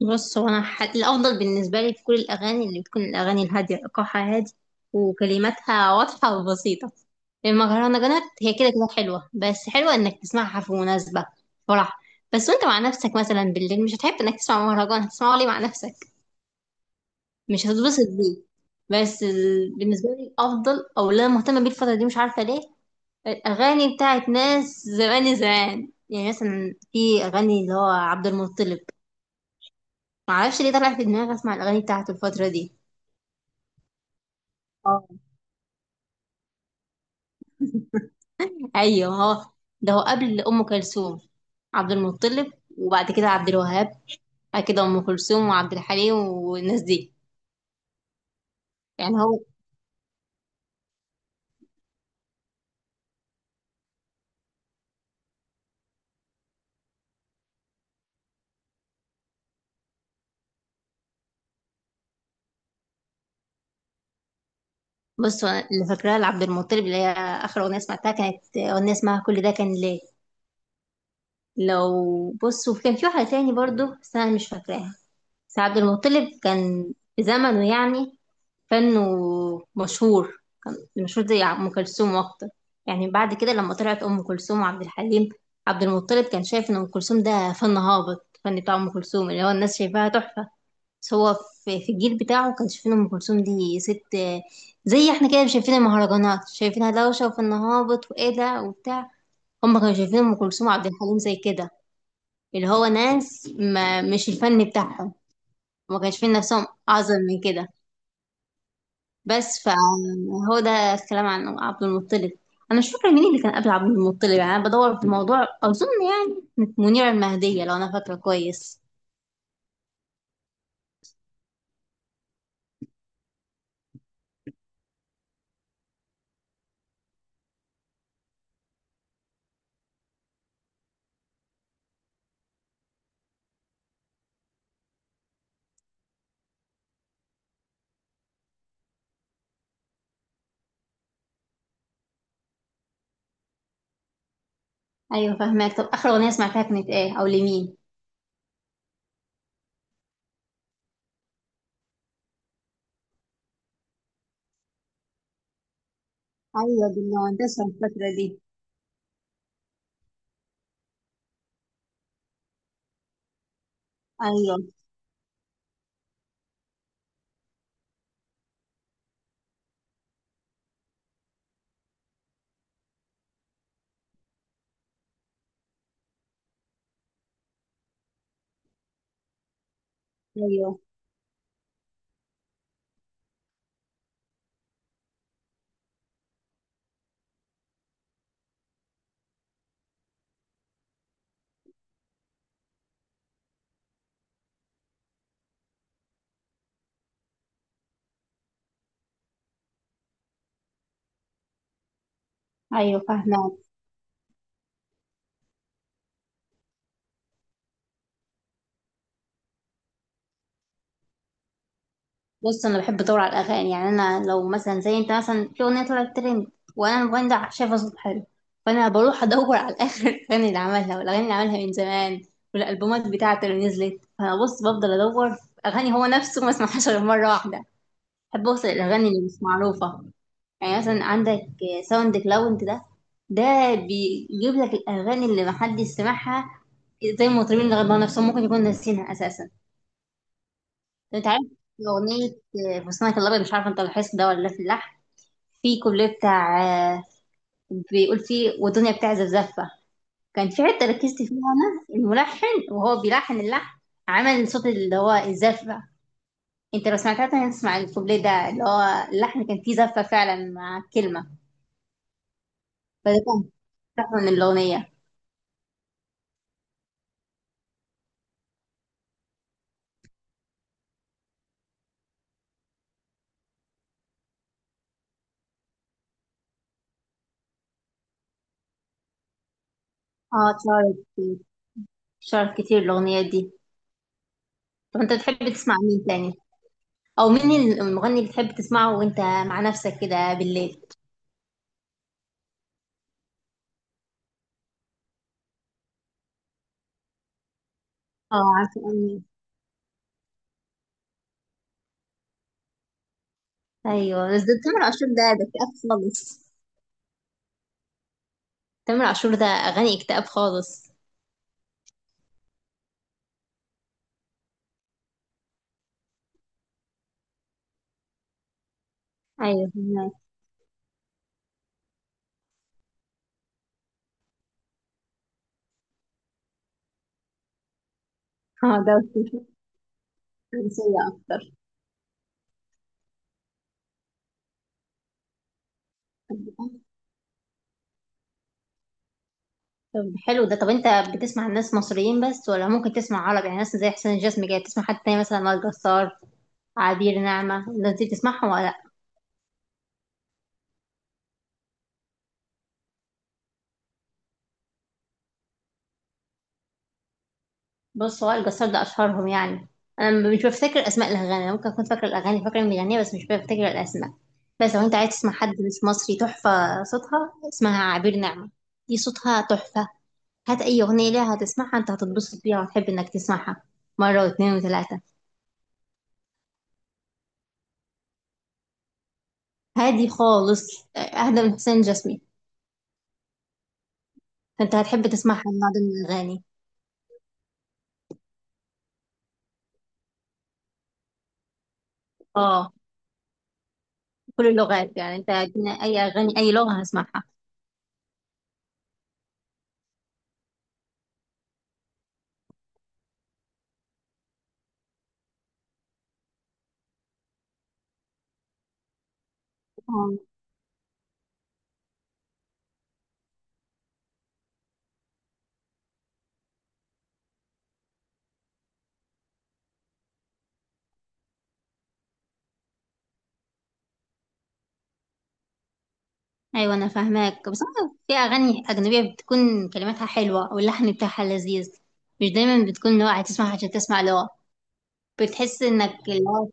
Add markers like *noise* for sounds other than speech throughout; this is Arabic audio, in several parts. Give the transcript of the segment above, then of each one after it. بص هو انا الافضل بالنسبه لي في كل الاغاني اللي بتكون الاغاني الهاديه ايقاعها هادي، وكلماتها واضحه وبسيطه. المهرجانات هي كده كده حلوه، بس حلوه انك تسمعها في مناسبه فرح. بس وانت مع نفسك مثلا بالليل، مش هتحب انك تسمع مهرجان، هتسمعه ليه مع نفسك؟ مش هتتبسط بيه. بس بالنسبه لي الافضل او اللي انا مهتمه بيه الفتره دي، مش عارفه ليه، الاغاني بتاعت ناس زمان زمان، يعني مثلا في اغاني اللي هو عبد المطلب. معرفش ليه طلع في دماغي اسمع الاغاني بتاعته الفتره دي. اه، ايوه، هو ده هو قبل ام كلثوم. عبد المطلب وبعد كده عبد الوهاب، بعد كده ام كلثوم وعبد الحليم والناس دي. يعني هو، بص هو اللي فاكراه لعبد المطلب، اللي هي اخر اغنيه سمعتها كانت اغنيه اسمها كل ده كان ليه. لو بص وكان في واحده تاني برضو بس انا مش فاكراها. بس عبد المطلب كان في زمنه يعني فنه مشهور، كان مشهور زي أم كلثوم أكتر. يعني بعد كده لما طلعت أم كلثوم وعبد الحليم، عبد المطلب كان شايف إن أم كلثوم ده فن هابط، فن بتاع أم كلثوم اللي هو الناس شايفاها تحفة. بس هو في الجيل بتاعه كان شايفين أم كلثوم دي ست، زي احنا كده شايفين المهرجانات شايفينها دوشة وفن هابط وإيه ده وبتاع. هما كانوا شايفين أم كلثوم وعبد الحليم زي كده، اللي هو ناس ما، مش الفن بتاعهم، وما كانش شايفين نفسهم أعظم من كده. بس فهو ده الكلام عن عبد المطلب. انا مش فاكره مين اللي كان قبل عبد المطلب، يعني انا بدور في الموضوع، اظن يعني كانت منيره المهديه لو انا فاكره كويس. ايوه فاهمك، طب اخر اغنيه سمعتها كانت ايه او لمين؟ ايوه دي المهندسه الفتره دي. ايوه. ايوه. ايوه فاهمه. بص انا بحب ادور على الاغاني، يعني انا لو مثلا زي انت مثلا في اغنيه طلعت ترند، وانا الموبايل ده شايفه صوت حلو، فانا بروح ادور على *laughs* اخر الاغاني اللي عملها والاغاني اللي عملها من زمان والالبومات بتاعته اللي نزلت. فانا بص بفضل ادور في اغاني هو نفسه ما اسمعهاش غير مره واحده. بحب اوصل الاغاني اللي مش معروفه. يعني مثلا عندك ساوند كلاود ده، ده بيجيب لك الاغاني اللي محدش سمعها، زي المطربين اللي غنوا نفسهم ممكن يكون ناسينها اساسا. انت عارف اغنيه فستانك الابيض، مش عارفه انت لاحظت ده ولا لا، في اللحن في كوبليه بتاع، آه، بيقول فيه والدنيا بتعزف زفه. كان في حته ركزت فيها انا، الملحن وهو بيلحن اللحن عمل صوت اللي هو الزفه. انت لو سمعتها تاني تسمع الكوبليه ده اللي هو اللحن كان فيه زفه فعلا مع الكلمه. فده كان تحفه من الاغنيه. اه، اتشهرت كتير، اتشهرت كتير الاغنيه دي. طب انت بتحب تسمع مين تاني؟ او مين المغني اللي بتحب تسمعه وانت مع نفسك كده بالليل؟ اه عارفه. ايوه بس ده تامر عاشور، ده ده اكتئاب خالص. تامر عاشور ده اغاني اكتئاب خالص. ايوه فهمك. اه ده رومانسية اكتر. طب حلو ده. طب انت بتسمع الناس مصريين بس ولا ممكن تسمع عربي؟ يعني ناس زي حسين الجسمي كده، تسمع حد تاني مثلا وائل جسار، عبير نعمة، الناس دي بتسمعهم ولا لا؟ بص وائل جسار ده اشهرهم يعني. انا مش بفتكر اسماء الاغاني، انا ممكن اكون فاكره الاغاني، فاكره المغنيه بس مش بفتكر الاسماء. بس لو انت عايز تسمع حد مش مصري تحفه صوتها، اسمها عبير نعمة، دي صوتها تحفة. هات اي اغنيه ليها هتسمعها انت هتتبسط بيها وتحب انك تسمعها مره واثنين وثلاثه. هادي خالص، اهدى من حسين جسمي. فانت هتحب تسمعها النوع ده من الاغاني. اه، كل اللغات يعني، انت ادينا اي اغاني اي لغه هسمعها. آه. ايوه انا فاهماك، بس أنا في اغاني اجنبيه بتكون كلماتها حلوه واللحن بتاعها لذيذ. مش دايما بتكون لغه هتسمعها عشان تسمع لغه، بتحس انك اللغة.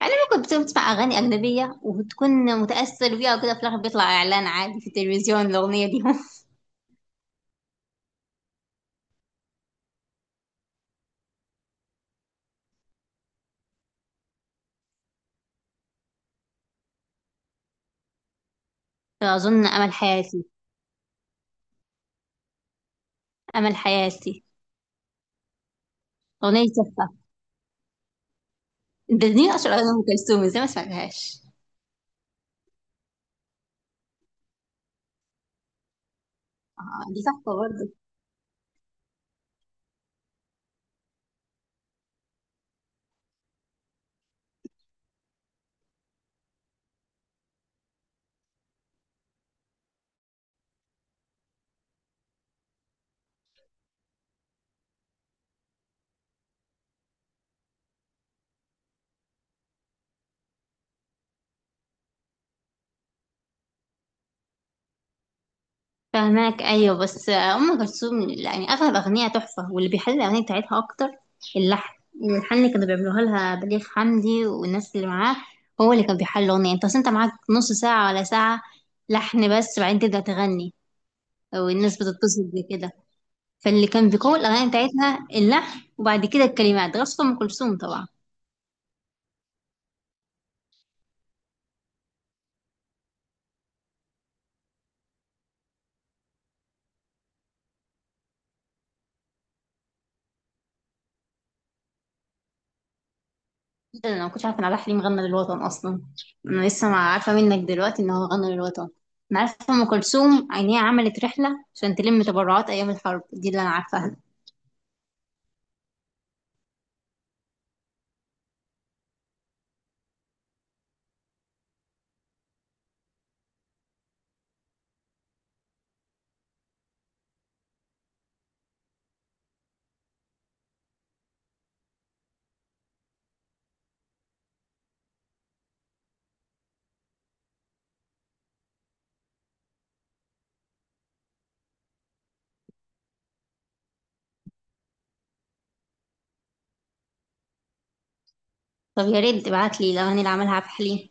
يعني ممكن بتسمع أغاني أجنبية وبتكون متأثر بيها وكده، في الآخر بيطلع إعلان عادي في التلفزيون الأغنية دي. *laughs* فأظن أمل حياتي. أمل حياتي، أغنية تحفة. ده دي أشهر أغنية أم كلثوم، إزاي ما سمعتهاش؟ آه دي تحفة برضه. فهماك. أيوه بس أم كلثوم يعني أغلب أغنية تحفة، واللي بيحل الأغنية بتاعتها أكتر اللحن. الحن اللي كانوا بيعملوها لها بليغ حمدي والناس اللي معاه، هو اللي كان بيحل الأغنية. أنت أصل أنت معاك نص ساعة ولا ساعة لحن بس، بعدين تبدأ تغني، والناس بتتبسط بكده. فاللي كان بيقوي الاغاني بتاعتها اللحن، وبعد كده الكلمات، غصب ام كلثوم طبعا. ده انا ما كنتش عارفه ان عبد الحليم غنى للوطن اصلا. انا لسه ما عارفه منك دلوقتي ان هو غنى للوطن. انا عارفه ام كلثوم ان هي عملت رحله عشان تلم تبرعات ايام الحرب، دي اللي انا عارفاها. طب يا ريت تبعت لي الاغاني اللي عملها عبد الحليم.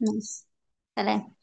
ماشي. سلام.